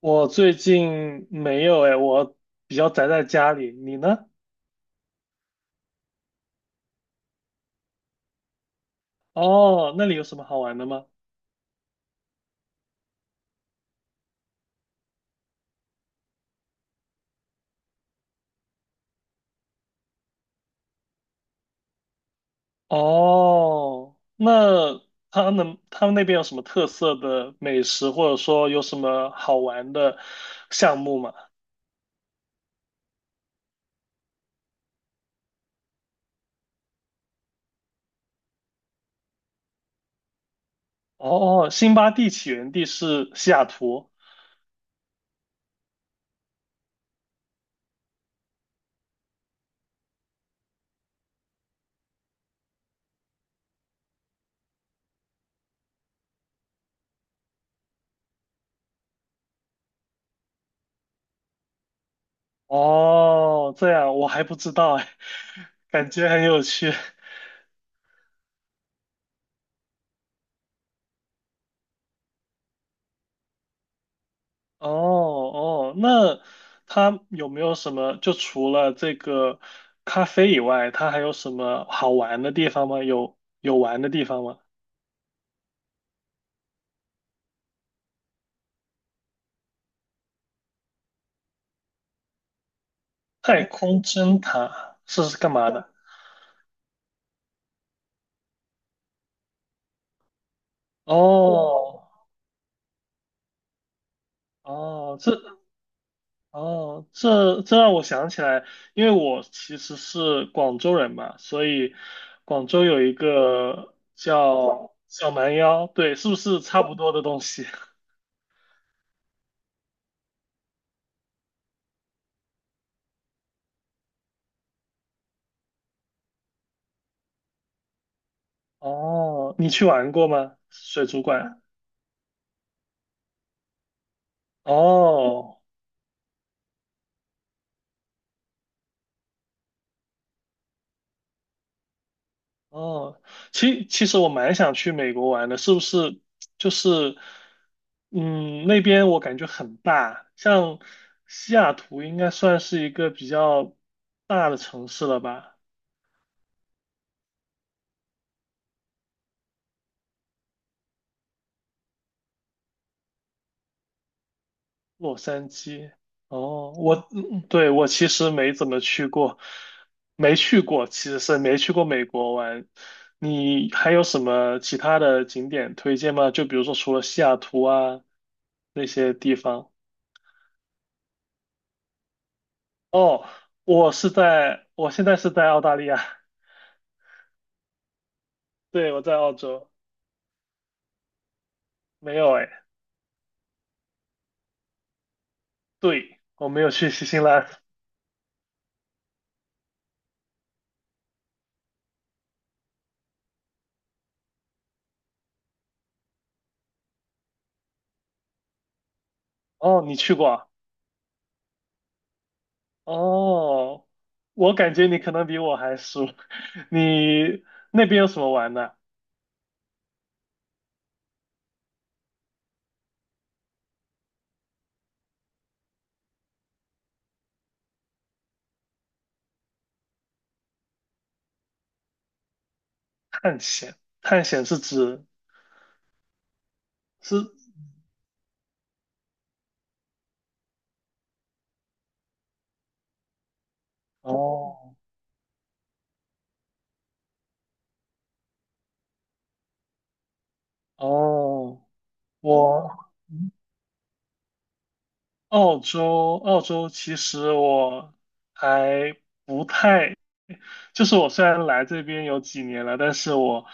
我最近没有哎，我比较宅在家里。你呢？哦，那里有什么好玩的吗？哦，那他们那边有什么特色的美食，或者说有什么好玩的项目吗？哦，辛巴蒂起源地是西雅图。哦，这样我还不知道哎，感觉很有趣。哦哦，那它有没有什么？就除了这个咖啡以外，它还有什么好玩的地方吗？有玩的地方吗？太空针塔是干嘛的？哦哦，这让我想起来，因为我其实是广州人嘛，所以广州有一个叫小蛮腰，对，是不是差不多的东西？哦，你去玩过吗？水族馆？哦哦，其实我蛮想去美国玩的，是不是？就是，嗯，那边我感觉很大，像西雅图应该算是一个比较大的城市了吧？洛杉矶。哦，我，嗯对，我其实没怎么去过，没去过，其实是没去过美国玩。你还有什么其他的景点推荐吗？就比如说除了西雅图啊那些地方。哦，我是在，我现在是在澳大利亚，对，我在澳洲，没有哎，对，我没有去新西兰。哦，你去过啊。哦，我感觉你可能比我还熟。你那边有什么玩的？探险？探险是指是？哦哦，我澳洲，澳洲其实我还。不太。就是我虽然来这边有几年了，但是我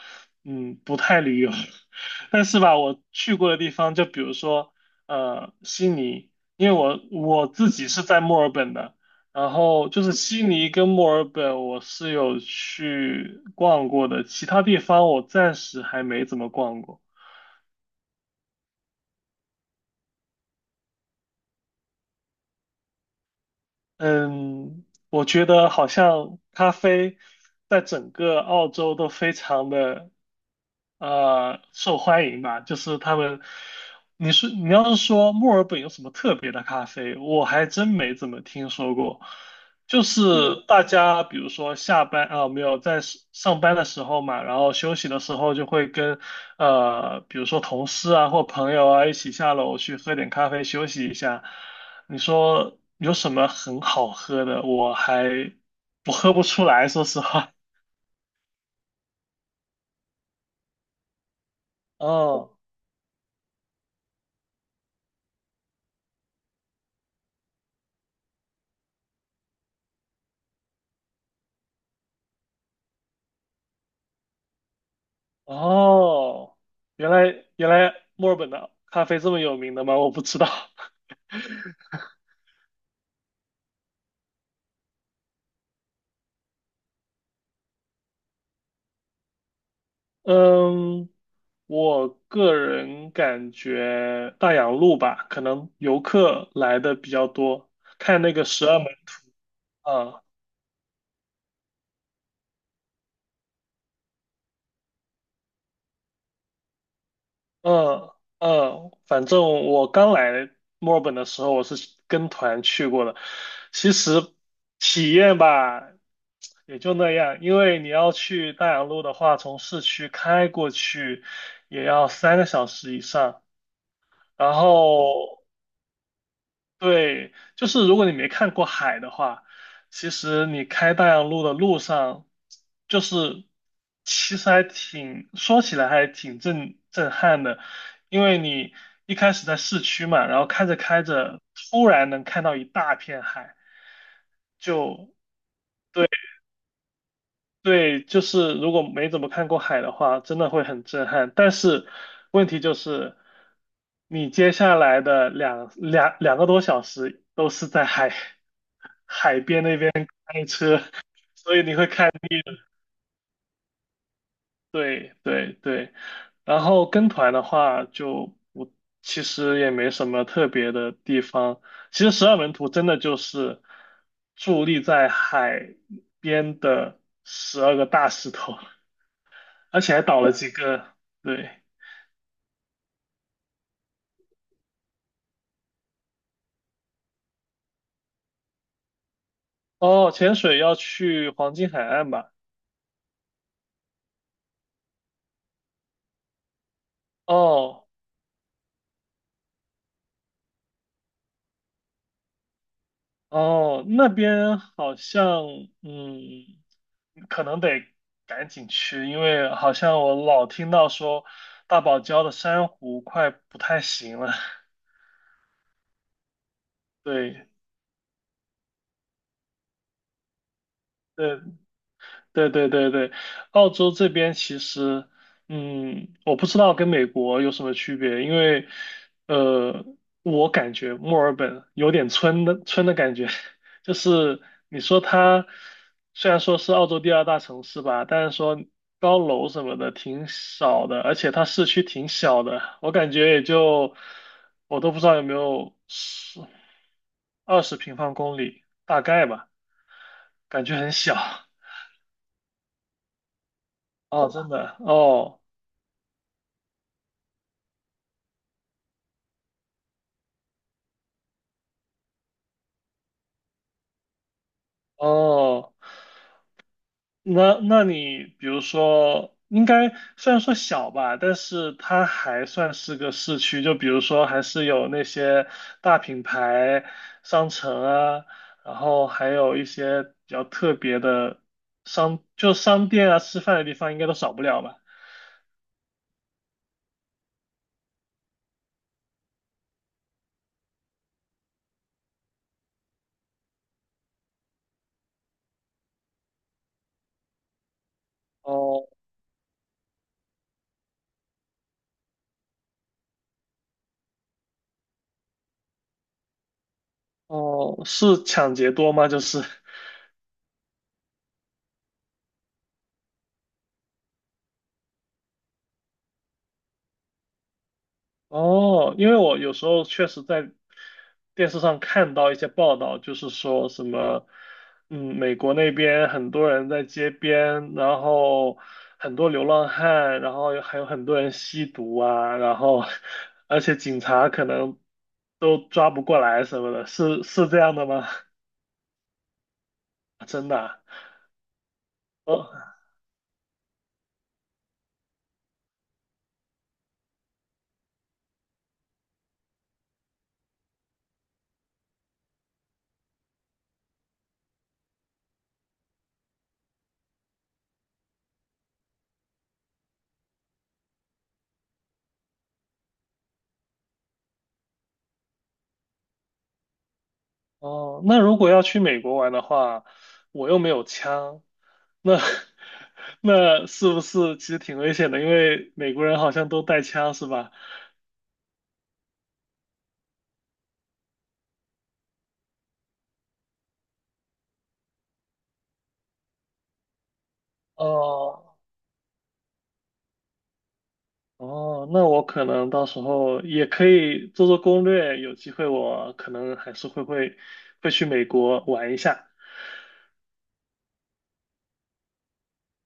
不太旅游，但是吧，我去过的地方，就比如说悉尼，因为我自己是在墨尔本的，然后就是悉尼跟墨尔本我是有去逛过的，其他地方我暂时还没怎么逛过。嗯，我觉得好像咖啡在整个澳洲都非常的受欢迎吧，就是他们，你要是说墨尔本有什么特别的咖啡，我还真没怎么听说过。就是大家比如说下班啊，没有在上班的时候嘛，然后休息的时候就会跟比如说同事啊或朋友啊一起下楼去喝点咖啡休息一下。你说有什么很好喝的？我喝不出来，说实话。哦哦，原来墨尔本的咖啡这么有名的吗？我不知道。嗯，我个人感觉大洋路吧，可能游客来的比较多，看那个十二门。啊。嗯嗯，反正我刚来墨尔本的时候，我是跟团去过的。其实体验吧，也就那样，因为你要去大洋路的话，从市区开过去也要3个小时以上。然后对，就是如果你没看过海的话，其实你开大洋路的路上，就是其实还挺，说起来还挺震撼的，因为你一开始在市区嘛，然后开着开着，突然能看到一大片海，就。对，就是如果没怎么看过海的话，真的会很震撼。但是问题就是，你接下来的2个多小时都是在海 海车，所以你会看，对对对。然后跟团的话就，我其实也没什么特别的地方。其实12门徒真的就是伫立在海边的12个大石头，而且还倒了几个，对。哦，潜水要去黄金海岸吧？哦哦，那边好像嗯，可能得赶紧去，因为好像我老听到说大堡礁的珊瑚快不太行了。对对对对对对，澳洲这边其实，我不知道跟美国有什么区别，因为，呃，我感觉墨尔本有点村的感觉，就是你说它虽然说是澳洲第二大城市吧，但是说高楼什么的挺少的，而且它市区挺小的，我感觉也就我都不知道有没有十20平方公里，大概吧，感觉很小。哦，真的哦。哦，那你比如说，应该虽然说小吧，但是它还算是个市区，就比如说还是有那些大品牌商城啊，然后还有一些比较特别的就商店啊，吃饭的地方应该都少不了吧？哦哦，是抢劫多吗？就是。哦，因为我有时候确实在电视上看到一些报道，就是说什么，美国那边很多人在街边，然后很多流浪汉，然后还有很多人吸毒啊，然后而且警察可能都抓不过来什么的，是这样的吗？真的啊？哦哦，那如果要去美国玩的话，我又没有枪，那 那是不是其实挺危险的？因为美国人好像都带枪，是吧？哦，哦，那我可能到时候也可以做做攻略，有机会我可能还是会去美国玩一下。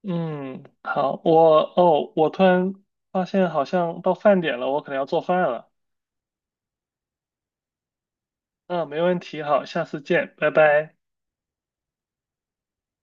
嗯，好，我突然发现好像到饭点了，我可能要做饭了。嗯，没问题，好，下次见，拜拜。